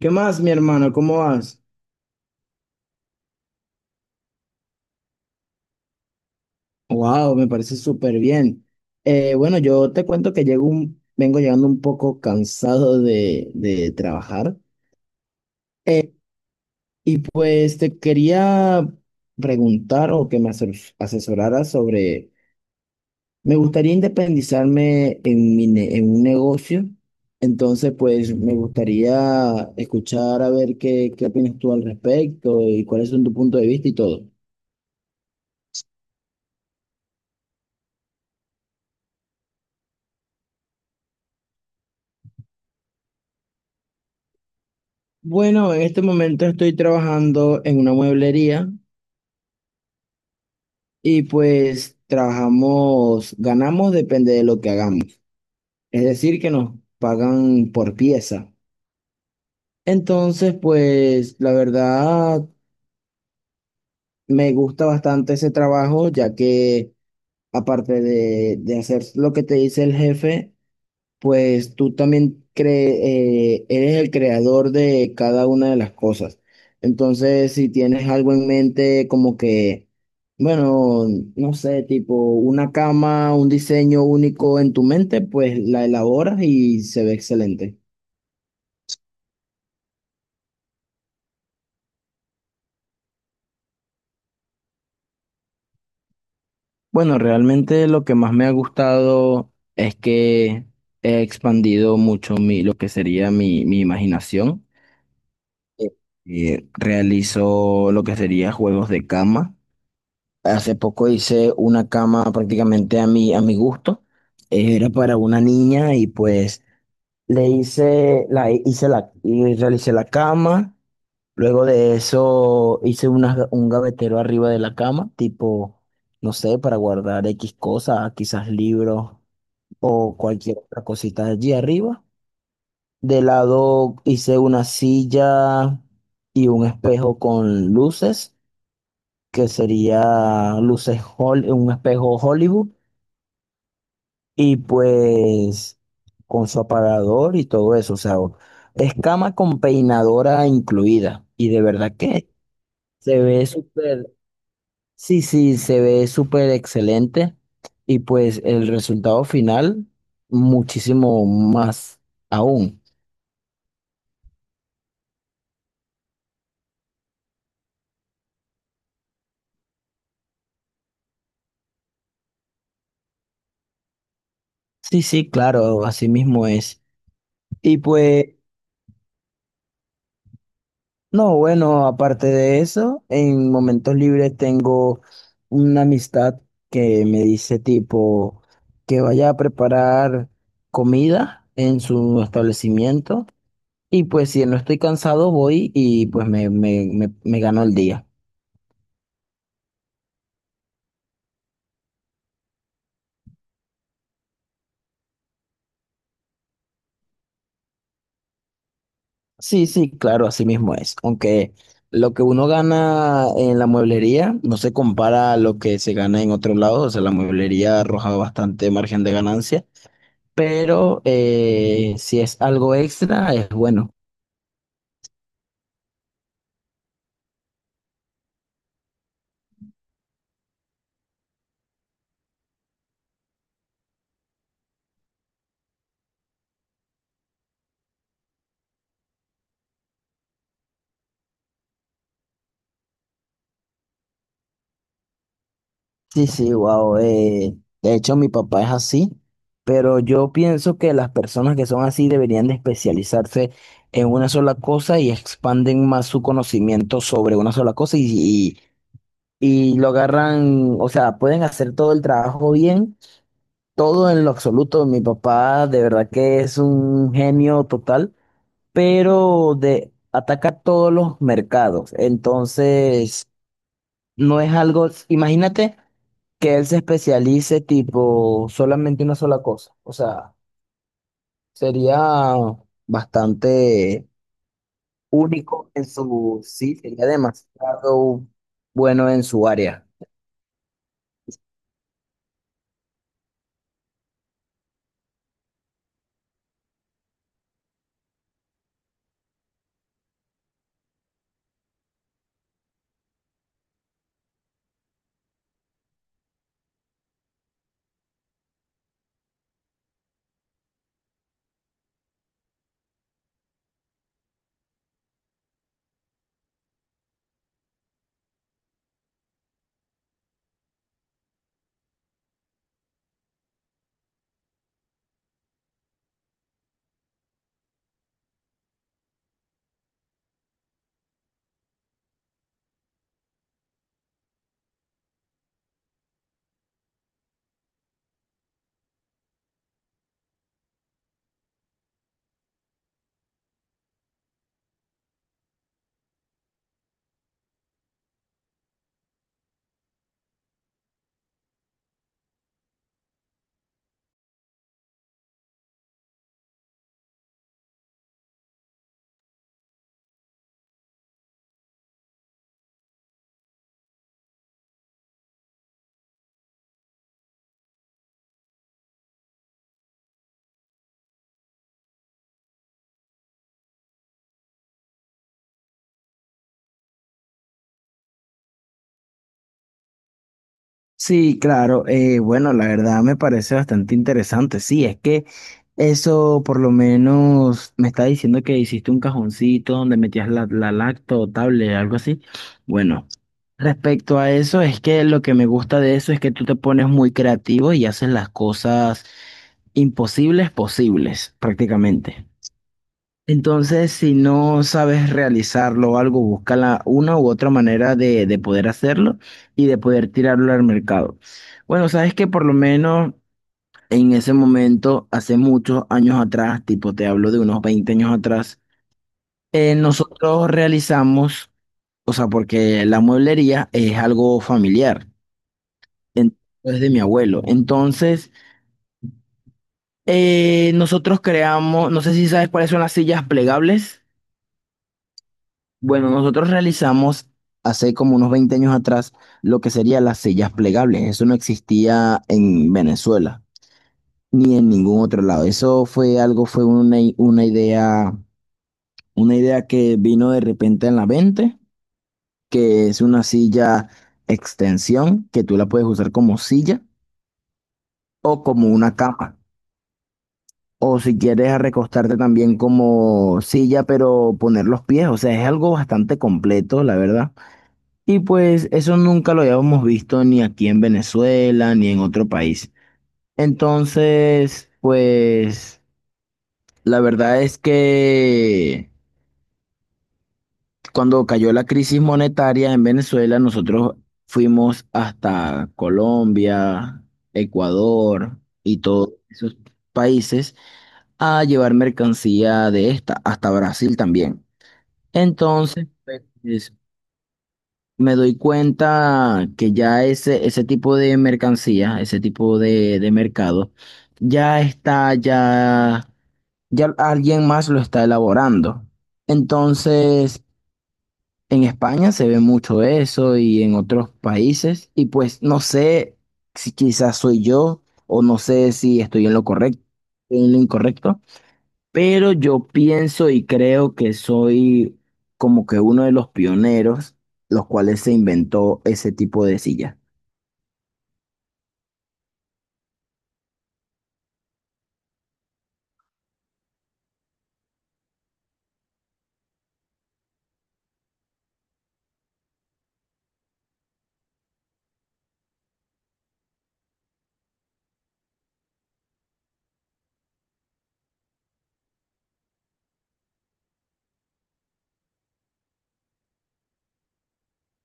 ¿Qué más, mi hermano? ¿Cómo vas? Wow, me parece súper bien. Bueno, yo te cuento que vengo llegando un poco cansado de trabajar. Eh, y pues te quería preguntar o que me asesoraras sobre, me gustaría independizarme en, en un negocio. Entonces, pues me gustaría escuchar a ver qué opinas tú al respecto y cuáles son tu punto de vista y todo. Bueno, en este momento estoy trabajando en una mueblería y pues trabajamos, ganamos depende de lo que hagamos. Es decir, que nos pagan por pieza. Entonces, pues la verdad me gusta bastante ese trabajo, ya que aparte de hacer lo que te dice el jefe, pues tú también eres el creador de cada una de las cosas. Entonces, si tienes algo en mente como que, bueno, no sé, tipo una cama, un diseño único en tu mente, pues la elaboras y se ve excelente. Bueno, realmente lo que más me ha gustado es que he expandido mucho lo que sería mi imaginación. Realizo lo que sería juegos de cama. Hace poco hice una cama prácticamente a a mi gusto. Era para una niña y pues le hice la, y realicé la cama. Luego de eso hice un gavetero arriba de la cama, tipo, no sé, para guardar X cosas, quizás libros o cualquier otra cosita allí arriba. De lado hice una silla y un espejo con luces que sería un espejo Hollywood y pues con su aparador y todo eso, o sea, es cama con peinadora incluida y de verdad que se ve súper, sí, sí, se ve súper excelente y pues el resultado final muchísimo más aún. Sí, sí, claro, así mismo es. Y pues no, bueno, aparte de eso, en momentos libres tengo una amistad que me dice tipo que vaya a preparar comida en su establecimiento y pues si no estoy cansado voy y pues me gano el día. Sí, sí, claro, así mismo es. Aunque lo que uno gana en la mueblería no se compara a lo que se gana en otro lado, o sea, la mueblería arroja bastante margen de ganancia, pero si es algo extra, es bueno. Sí, sí, wow. De hecho, mi papá es así, pero yo pienso que las personas que son así deberían de especializarse en una sola cosa y expanden más su conocimiento sobre una sola cosa y lo agarran, o sea, pueden hacer todo el trabajo bien, todo en lo absoluto. Mi papá de verdad que es un genio total, pero ataca todos los mercados. Entonces, no es algo, imagínate que él se especialice tipo solamente una sola cosa. O sea, sería bastante único en sí, sería demasiado bueno en su área. Sí, claro. Bueno, la verdad me parece bastante interesante. Sí, es que eso por lo menos me está diciendo que hiciste un cajoncito donde metías la lacto, tablet, algo así. Bueno, respecto a eso, es que lo que me gusta de eso es que tú te pones muy creativo y haces las cosas imposibles posibles, prácticamente. Entonces, si no sabes realizarlo o algo, una u otra manera de poder hacerlo y de poder tirarlo al mercado. Bueno, sabes que por lo menos en ese momento, hace muchos años atrás, tipo te hablo de unos 20 años atrás, nosotros realizamos, o sea, porque la mueblería es algo familiar, en- es de mi abuelo. Entonces, nosotros creamos, no sé si sabes cuáles son las sillas plegables. Bueno, nosotros realizamos hace como unos 20 años atrás lo que serían las sillas plegables. Eso no existía en Venezuela ni en ningún otro lado. Eso fue algo, una idea que vino de repente en la mente, que es una silla extensión que tú la puedes usar como silla o como una cama. O si quieres recostarte también como silla, pero poner los pies. O sea, es algo bastante completo, la verdad. Y pues eso nunca lo habíamos visto ni aquí en Venezuela ni en otro país. Entonces, pues la verdad es que cuando cayó la crisis monetaria en Venezuela, nosotros fuimos hasta Colombia, Ecuador y todos esos países a llevar mercancía de esta, hasta Brasil también. Entonces, pues, me doy cuenta que ya ese tipo de mercancía, ese tipo de mercado, ya ya alguien más lo está elaborando. Entonces, en España se ve mucho eso y en otros países, y pues no sé si quizás soy yo o no sé si estoy en lo correcto, en lo incorrecto. Pero yo pienso y creo que soy como que uno de los pioneros, los cuales se inventó ese tipo de silla.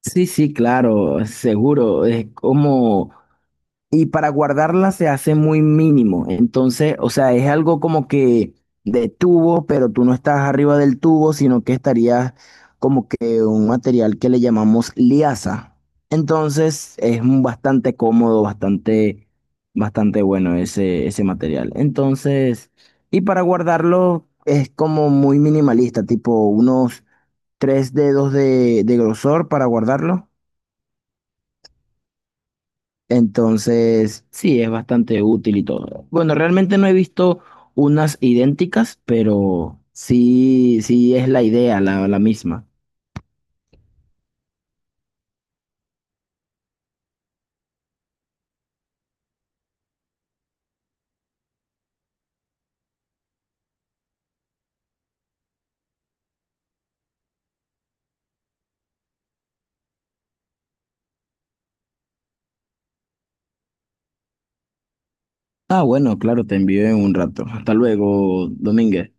Sí, sí, claro, seguro. Es como y para guardarla se hace muy mínimo. Entonces, o sea, es algo como que de tubo, pero tú no estás arriba del tubo, sino que estarías como que un material que le llamamos liaza. Entonces, es un bastante cómodo, bastante, bastante bueno ese material. Entonces, y para guardarlo es como muy minimalista, tipo unos tres dedos de grosor para guardarlo. Entonces, sí, es bastante útil y todo. Bueno, realmente no he visto unas idénticas, pero sí, sí es la idea, la misma. Ah, bueno, claro, te envío en un rato. Hasta luego, Domínguez.